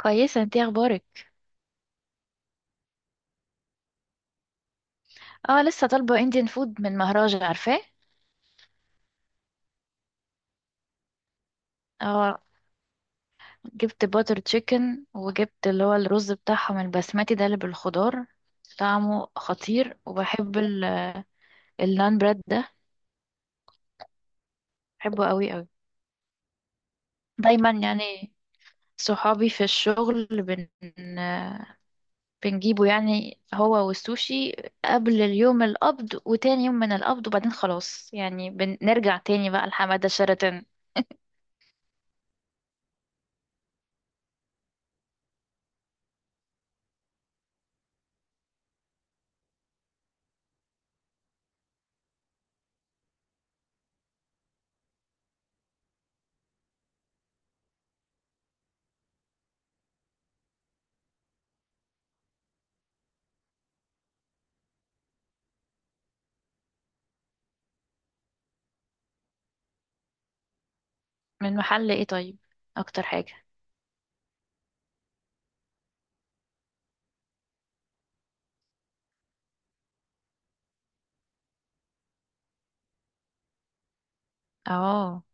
كويسة، انتي اخبارك؟ اه لسه طالبة انديان فود من مهراج، عارفاه؟ اه جبت باتر تشيكن وجبت اللي هو الرز بتاعهم البسمتي ده اللي بالخضار. طعمه خطير، وبحب النان بريد ده. بحبه قوي قوي، دايما يعني. صحابي في الشغل بنجيبه يعني، هو والسوشي، قبل اليوم القبض وتاني يوم من القبض، وبعدين خلاص يعني بنرجع تاني بقى لحمادة شرطة. من محل ايه طيب؟ اكتر حاجة؟ اه.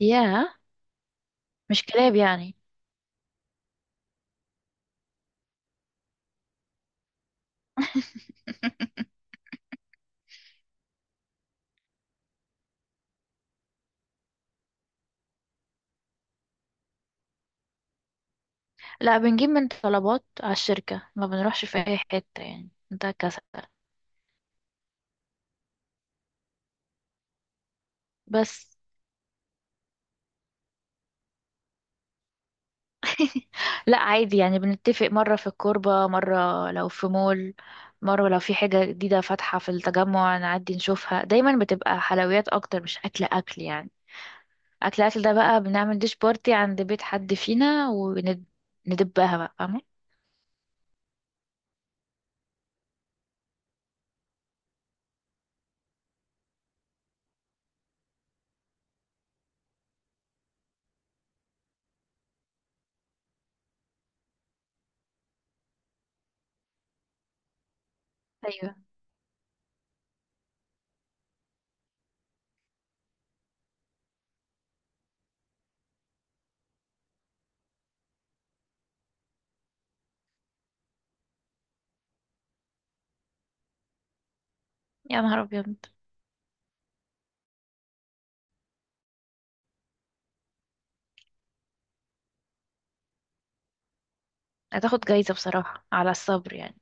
ياه. مش كلاب يعني؟ لا، بنجيب من طلبات على الشركة، ما بنروحش في أي حتة يعني، ده كسل. بس. لا عادي يعني، بنتفق مرة في الكوربة، مرة لو في مول، مرة لو في حاجة جديدة فاتحة في التجمع نعدي نشوفها. دايما بتبقى حلويات أكتر، مش أكل أكل يعني. أكل أكل ده بقى بنعمل ديش بارتي عند بيت حد فينا، وندبها بقى، فاهمة؟ أيوة. يا نهار أبيض. هتاخد جايزة بصراحة على الصبر يعني.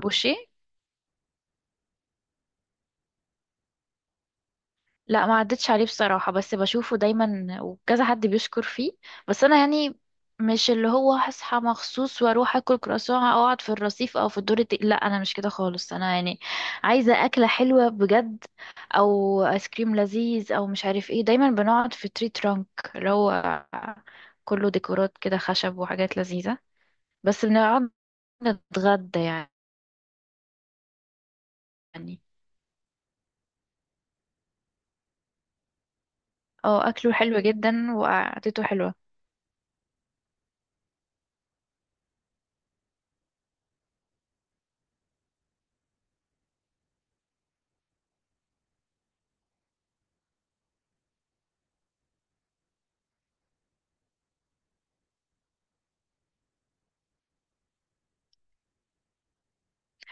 بوشيه؟ لا، ما عدتش عليه بصراحة، بس بشوفه دايما وكذا حد بيشكر فيه. بس انا يعني مش اللي هو هصحى مخصوص واروح اكل كرواسون، او اقعد في الرصيف، او في الدور لا، انا مش كده خالص، انا يعني عايزة اكلة حلوة بجد، او ايس كريم لذيذ، او مش عارف ايه. دايما بنقعد في تري ترانك، اللي هو كله ديكورات كده خشب وحاجات لذيذة. بس بنقعد نتغدى يعني. اه، اكله حلو جدا وقعدته حلوة.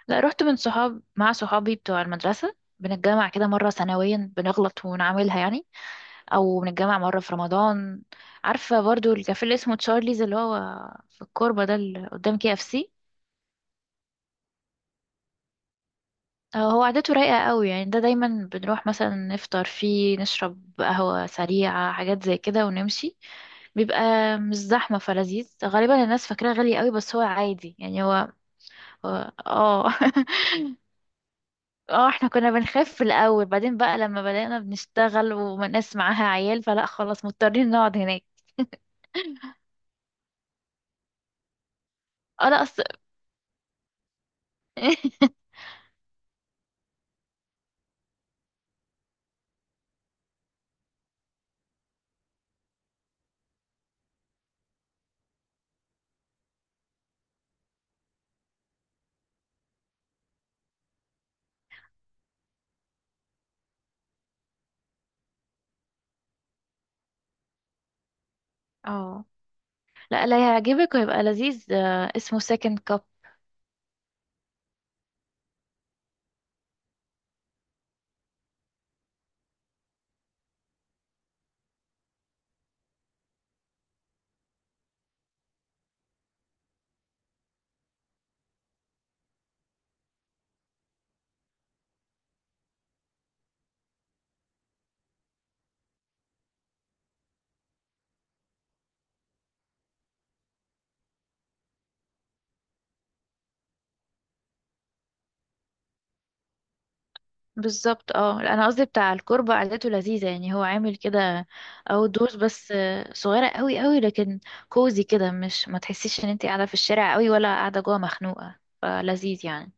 لا، رحت من صحاب، مع صحابي بتوع المدرسة، بنتجمع كده مرة سنويا، بنغلط ونعملها يعني، أو بنتجمع مرة في رمضان. عارفة برضو الكافيه اللي اسمه تشارليز اللي هو في الكوربة ده، اللي قدام كي اف سي؟ هو عادته رايقة قوي يعني، ده دايما بنروح مثلا نفطر فيه، نشرب قهوة سريعة، حاجات زي كده ونمشي. بيبقى مش زحمة فلذيذ. غالبا الناس فاكراه غالي قوي، بس هو عادي يعني هو. هو- اه اه، احنا كنا بنخاف في الاول، بعدين بقى لما بدأنا بنشتغل وناس معاها عيال، فلا خلاص مضطرين نقعد هناك. اه لا أص... اه لا لا، هيعجبك ويبقى لذيذ. اسمه سكند كاب. بالظبط. اه لا، انا قصدي بتاع الكربة قعدته لذيذة يعني، هو عامل كده او دورز، بس صغيرة قوي قوي، لكن كوزي كده. مش ما تحسيش ان انت قاعدة في الشارع قوي ولا قاعدة جوه مخنوقة، فلذيذ يعني.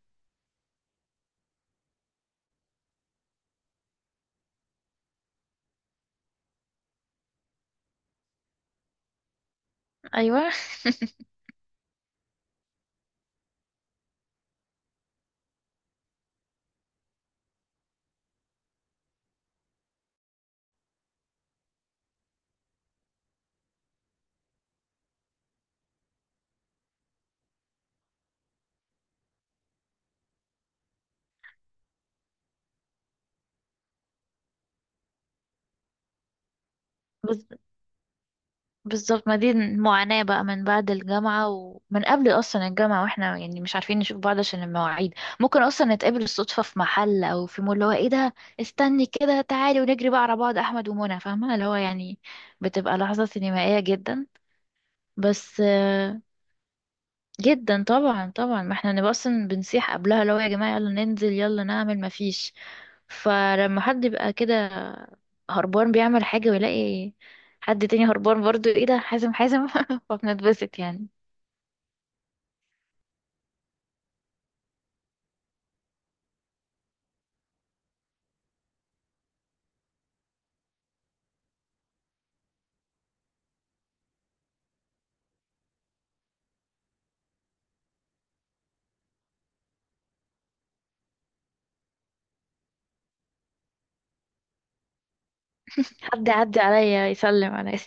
ايوه، بالظبط. ما دي المعاناة بقى من بعد الجامعة، ومن قبل أصلا الجامعة، واحنا يعني مش عارفين نشوف بعض عشان المواعيد. ممكن أصلا نتقابل الصدفة في محل أو في مول، اللي هو ايه ده، استني كده تعالي، ونجري بقى على بعض، أحمد ومنى، فاهمة اللي هو يعني. بتبقى لحظة سينمائية جدا. بس جدا طبعا طبعا، ما احنا نبقى أصلا بنصيح قبلها اللي هو يا جماعة يلا ننزل، يلا نعمل، ما فيش. فلما حد يبقى كده هربان بيعمل حاجة، ويلاقي حد تاني هربان برضو، ايه ده حازم، حازم فبنتبسط يعني. حد يعدي عليا يسلم عليا.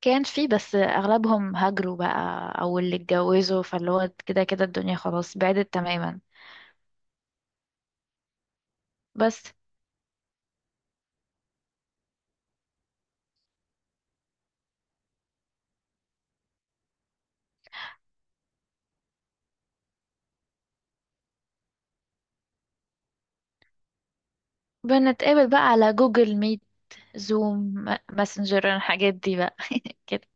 كان في، بس اغلبهم هاجروا بقى، او اللي اتجوزوا، فاللي هو كده كده الدنيا خلاص بعدت تماما. بس بنتقابل بقى على جوجل ميت، زوم، ماسنجر، الحاجات دي بقى كده.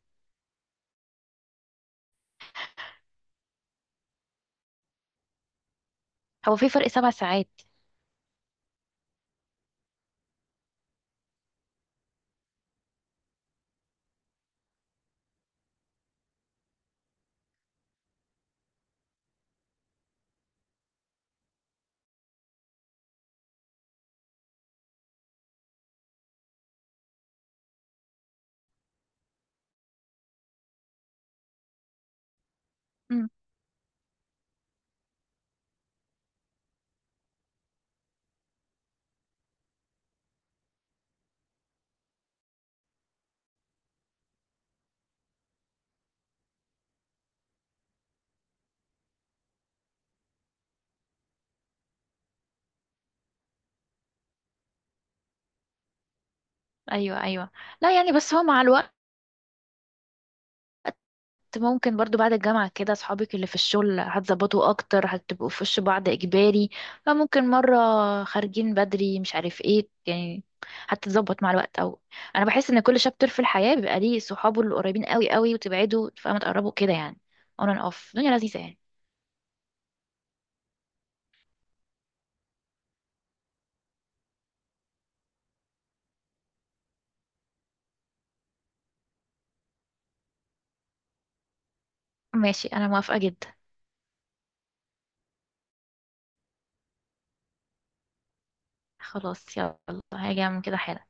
هو في فرق 7 ساعات. امم. ايوه ايوه. لا يعني، بس هو مع الوقت ممكن برضو بعد الجامعة كده أصحابك اللي في الشغل هتظبطوا أكتر، هتبقوا في وش بعض إجباري. فممكن مرة خارجين بدري مش عارف ايه يعني، هتتظبط مع الوقت. أو أنا بحس إن كل شابتر في الحياة بيبقى ليه صحابه اللي قريبين قوي قوي، وتبعدوا فما تقربوا كده يعني. on and off الدنيا لذيذة يعني. ماشي، أنا موافقة جدا. خلاص يلا، هاجي أعمل كده حالا.